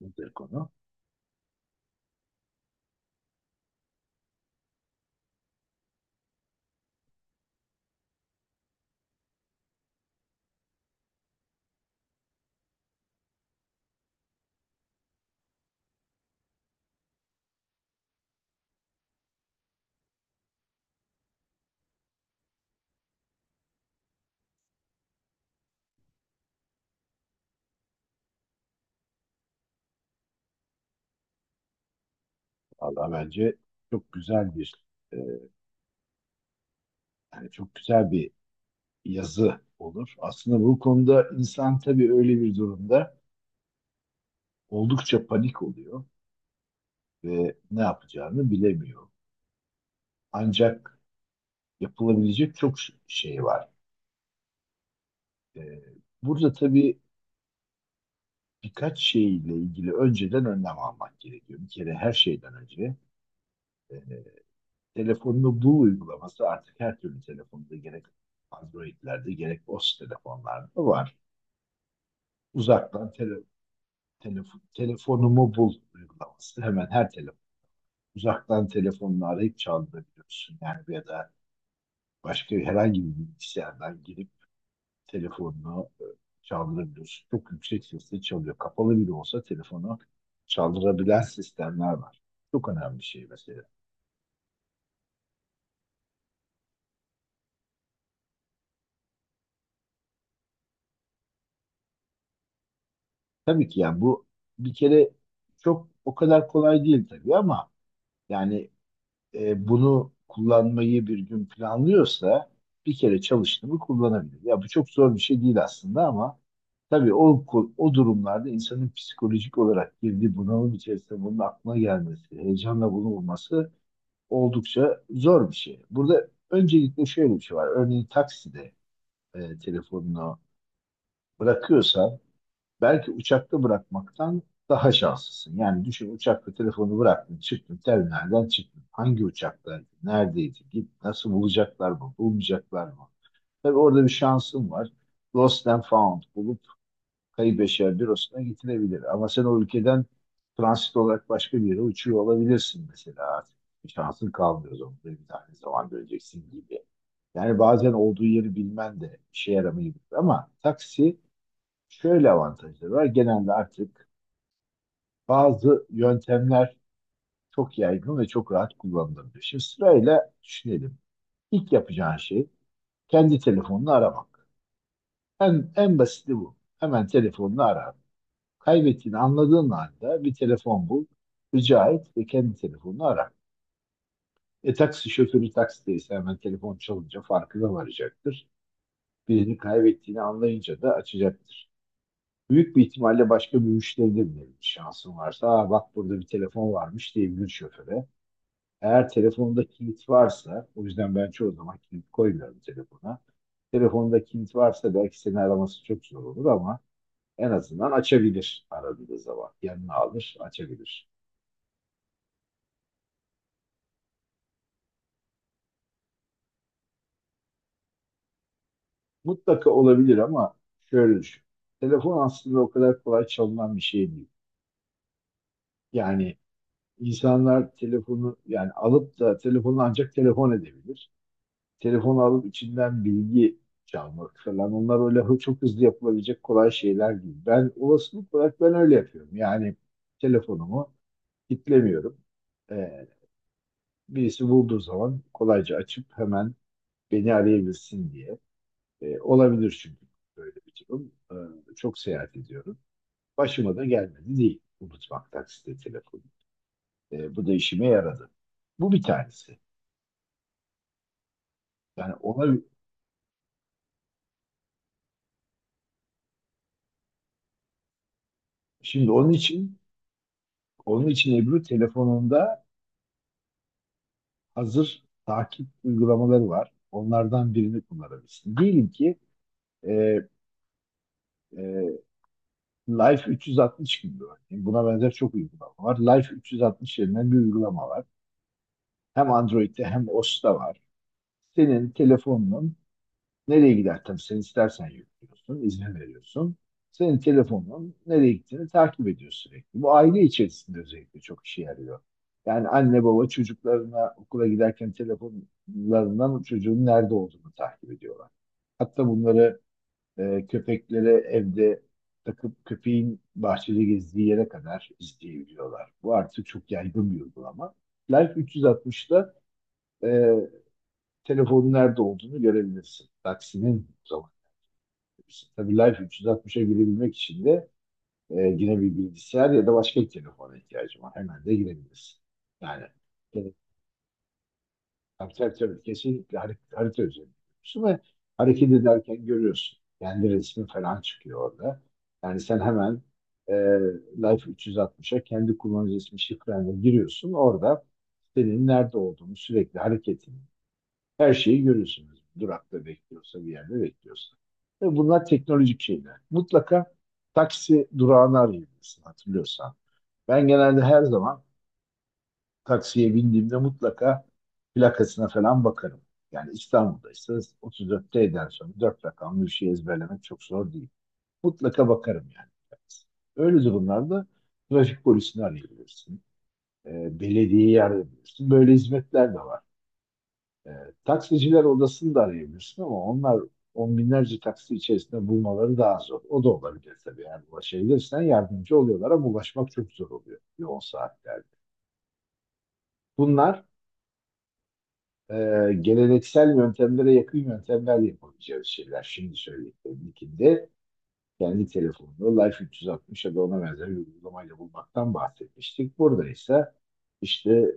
Nedir konu? Valla bence çok güzel bir e, yani çok güzel bir yazı olur. Aslında bu konuda insan tabii öyle bir durumda oldukça panik oluyor ve ne yapacağını bilemiyor. Ancak yapılabilecek çok şey var. E, Burada tabii birkaç şeyle ilgili önceden önlem almak gerekiyor. Bir kere her şeyden önce e, telefonunu bul uygulaması artık her türlü telefonda gerek Android'lerde gerek o s telefonlarda var. Uzaktan telefonumu bul uygulaması. Hemen her telefon. Uzaktan telefonunu arayıp çaldırabiliyorsun. Yani ya da başka herhangi bir bilgisayardan girip telefonunu çaldırabiliyorsun. Çok yüksek sesle çalıyor. Kapalı bile olsa telefonu çaldırabilen sistemler var. Çok önemli bir şey mesela. Tabii ki yani bu bir kere çok o kadar kolay değil tabii ama yani bunu kullanmayı bir gün planlıyorsa bir kere çalıştı mı kullanabilir. Ya bu çok zor bir şey değil aslında ama tabii o durumlarda insanın psikolojik olarak girdiği bunalım içerisinde bunun aklına gelmesi, heyecanla bunu bulması oldukça zor bir şey. Burada öncelikle şöyle bir şey var. Örneğin takside telefonunu bırakıyorsan belki uçakta bırakmaktan daha şanslısın. Yani düşün, uçakta telefonu bıraktın, çıktın, terminalden çıktın. Hangi uçakta, neredeydi, git, nasıl bulacaklar mı, bulmayacaklar mı? Tabii orada bir şansın var. Lost and found bulup kayıp eşya bürosuna getirebilir. Ama sen o ülkeden transit olarak başka bir yere uçuyor olabilirsin mesela artık. Bir şansın kalmıyor zorunda. Bir tane zaman göreceksin gibi. Yani bazen olduğu yeri bilmen de işe yaramayabilir ama taksi, şöyle avantajları var. Genelde artık bazı yöntemler çok yaygın ve çok rahat kullanılabilir. Şimdi sırayla düşünelim. İlk yapacağın şey kendi telefonunu aramak. En basiti bu. Hemen telefonunu ara. Kaybettiğini anladığın anda bir telefon bul, rica et ve kendi telefonunu ara. Taksi şoförü taksideyse hemen telefon çalınca farkına varacaktır. Birini kaybettiğini anlayınca da açacaktır. Büyük bir ihtimalle başka bir müşteride bile şansın varsa, aa, bak, burada bir telefon varmış diyebilir şoföre. Eğer telefonda kilit varsa, o yüzden ben çoğu zaman kilit koymuyorum telefona. Telefonda kilit varsa belki seni araması çok zor olur ama en azından açabilir aradığı zaman. Yanına alır, açabilir. Mutlaka olabilir ama şöyle düşün. Telefon aslında o kadar kolay çalınan bir şey değil. Yani insanlar telefonu, yani alıp da telefonu ancak telefon edebilir. Telefonu alıp içinden bilgi çalmak falan, onlar öyle çok hızlı yapılabilecek kolay şeyler değil. Ben olasılık olarak ben öyle yapıyorum. Yani telefonumu kilitlemiyorum. Ee, Birisi bulduğu zaman kolayca açıp hemen beni arayabilsin diye. Olabilir çünkü böyle bir durum. Çok seyahat ediyorum. Başıma da gelmedi değil unutmak takside telefonu. Bu da işime yaradı. Bu bir tanesi. Yani ona, şimdi onun için Ebru, telefonunda hazır takip uygulamaları var. Onlardan birini kullanabilirsin. Diyelim ki e, e, Life 360 gibi örneğin. Buna benzer çok uygulama var. Life 360 denilen bir uygulama var. Hem Android'de hem iOS'ta var. Senin telefonunun nereye gider? Tabii sen istersen yüklüyorsun, izin veriyorsun. Senin telefonun nereye gittiğini takip ediyor sürekli. Bu aile içerisinde özellikle çok işe yarıyor. Yani anne baba çocuklarına okula giderken telefonlarından çocuğun nerede olduğunu takip ediyorlar. Hatta bunları köpeklere evde takıp köpeğin bahçede gezdiği yere kadar izleyebiliyorlar. Bu artık çok yaygın bir uygulama. Life 360'da e, telefonun nerede olduğunu görebilirsin. Taksinin zamanı. Tabii Life 360'a girebilmek için de yine bir bilgisayar ya da başka bir telefona ihtiyacın var. Hemen de girebilirsin. Yani, tabii tabii tabii. Kesinlikle harita üzerinde görüyorsun ve hareket ederken görüyorsun. Kendi resmi falan çıkıyor orada. Yani sen hemen e, Life 360'a kendi kullanıcı ismi şifrenle giriyorsun. Orada senin nerede olduğunu, sürekli hareketini, her şeyi görüyorsunuz. Durakta bekliyorsa, bir yerde bekliyorsa. Ve bunlar teknolojik şeyler. Mutlaka taksi durağını arayabilirsin hatırlıyorsan. Ben genelde her zaman taksiye bindiğimde mutlaka plakasına falan bakarım. Yani İstanbul'da ise 34T'den sonra 4 rakamlı bir şey ezberlemek çok zor değil. Mutlaka bakarım yani. Öyle durumlarda trafik polisini arayabilirsin. Belediyeyi arayabilirsin. Böyle hizmetler de var. E, Taksiciler odasını da arayabilirsin ama onlar on binlerce taksi içerisinde bulmaları daha zor. O da olabilir tabii. Yani ulaşabilirsen yardımcı oluyorlar ama ulaşmak çok zor oluyor yoğun saatlerde. Bunlar e, geleneksel yöntemlere yakın yöntemler, yapabileceğimiz şeyler. Şimdi söylediklerim ilkinde kendi telefonunu Life 360 ya da ona benzer bir uygulamayla bulmaktan bahsetmiştik. Burada ise işte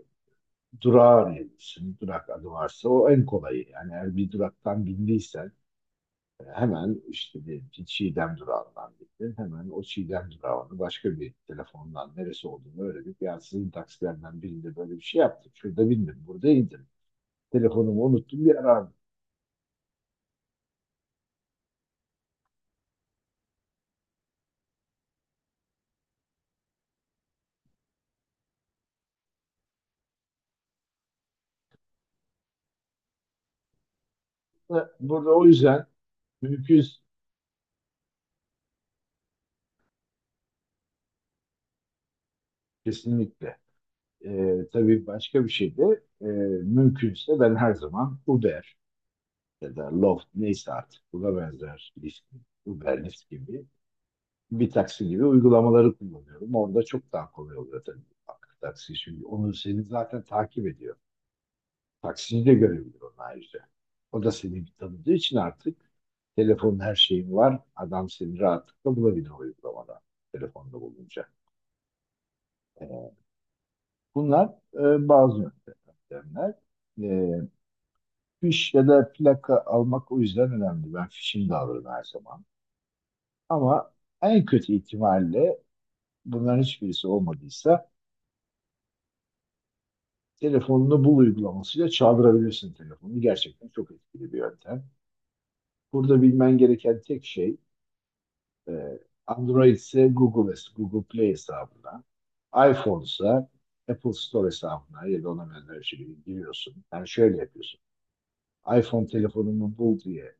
durağı arayabilirsin. Durak adı varsa o en kolayı. Yani eğer bir duraktan bindiysen hemen işte, diyelim ki Çiğdem durağından bindin. Hemen o Çiğdem durağını başka bir telefondan neresi olduğunu öğrenip ya sizin taksilerden birinde böyle bir şey yaptık. Şurada bindim, burada indim, telefonumu unuttum, bir arar. Burada, o yüzden mümkün, kesinlikle. Tabii başka bir şey de mümkünse ben her zaman Uber ya da Lyft, neyse artık buna benzer Lyft, Uber, Lyft gibi bir taksi gibi uygulamaları kullanıyorum. Orada çok daha kolay oluyor tabii. Bak, taksi şimdi onu seni zaten takip ediyor. Taksiyi de görebiliyor onun ayrıca. O da seni tanıdığı için artık telefonun, her şeyin var. Adam seni rahatlıkla bulabilir o uygulamada, telefonda bulunca. Ee, Bunlar bazı yöntemler. E, Fiş ya da plaka almak o yüzden önemli. Ben fişini de alırım her zaman. Ama en kötü ihtimalle bunların hiçbirisi olmadıysa telefonunu bul uygulamasıyla çaldırabilirsin telefonu. Gerçekten çok etkili bir yöntem. Burada bilmen gereken tek şey, e, Android ise Google Play hesabına, iPhone ise Apple Store hesabına ya da ona benzer bir şekilde giriyorsun. Yani şöyle yapıyorsun, iPhone telefonumu bul diye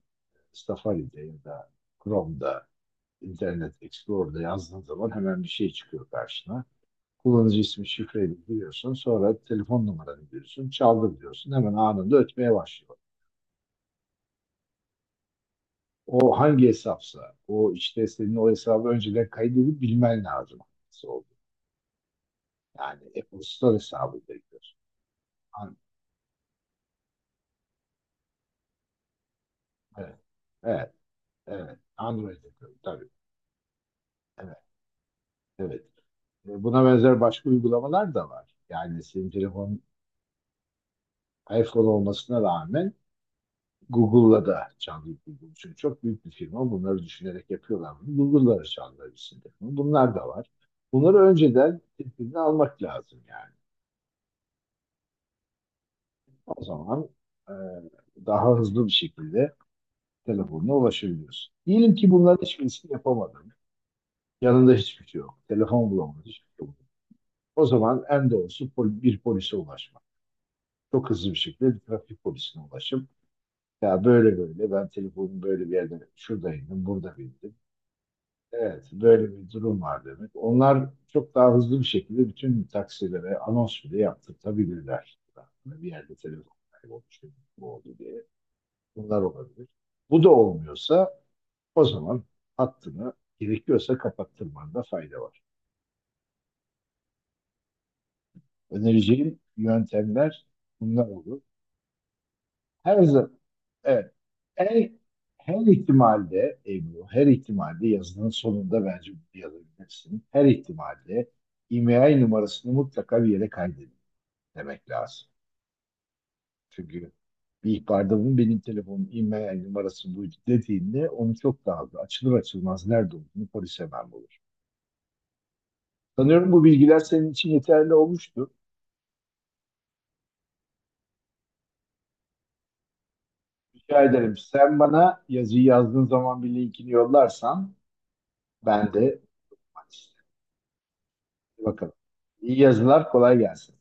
Safari'de ya da Chrome'da, Internet Explorer'da yazdığın zaman hemen bir şey çıkıyor karşına. Kullanıcı ismi, şifreyi giriyorsun. Sonra telefon numaranı giriyorsun. Çaldır diyorsun. Hemen anında ötmeye başlıyor. O hangi hesapsa, o işte, senin o hesabı önceden kaydedip bilmen lazım, hangisi. Yani Apple Store hesabı bekliyorsun. An- Evet, evet, evet. Android'de tabii. Evet, evet. Buna benzer başka uygulamalar da var. Yani senin telefonun iPhone olmasına rağmen Google'la da çaldık Google için. Çok büyük bir firma. Bunları düşünerek yapıyorlar bunu. Google'la da çaldılar isim takımı. Bunlar da var. Bunları önceden tedbirini almak lazım yani. O zaman e, daha hızlı bir şekilde telefonuna ulaşabiliyorsun. Diyelim ki bunların hiçbirisini yapamadın. Yanında hiçbir şey yok. Telefon bulamadın. Hiçbir şey yok. O zaman en doğrusu bir polise ulaşmak. Çok hızlı bir şekilde bir trafik polisine ulaşıp ya böyle böyle, ben telefonumu böyle bir yerden, şuradaydım, burada bindim. Evet, böyle bir durum var demek. Onlar çok daha hızlı bir şekilde bütün taksilere anons bile yaptırtabilirler. Yani bir yerde telefon kaybolmuş, bu oldu diye. Bunlar olabilir. Bu da olmuyorsa o zaman hattını gerekiyorsa kapattırmanda fayda var. Önereceğim yöntemler bunlar olur. Her zaman, evet, Her, her ihtimalde Ebru, her ihtimalde yazının sonunda bence bir yazabilirsin. Her ihtimalde IMEI numarasını mutlaka bir yere kaydedin demek lazım. Çünkü bir ihbarda bunun benim telefonum, IMEI numarası bu dediğinde onu çok daha hızlı, açılır açılmaz nerede olduğunu polis hemen bulur. Sanıyorum bu bilgiler senin için yeterli olmuştu. Rica ederim. Sen bana yazıyı yazdığın zaman bir linkini yollarsan ben de bakalım. İyi yazılar kolay gelsin.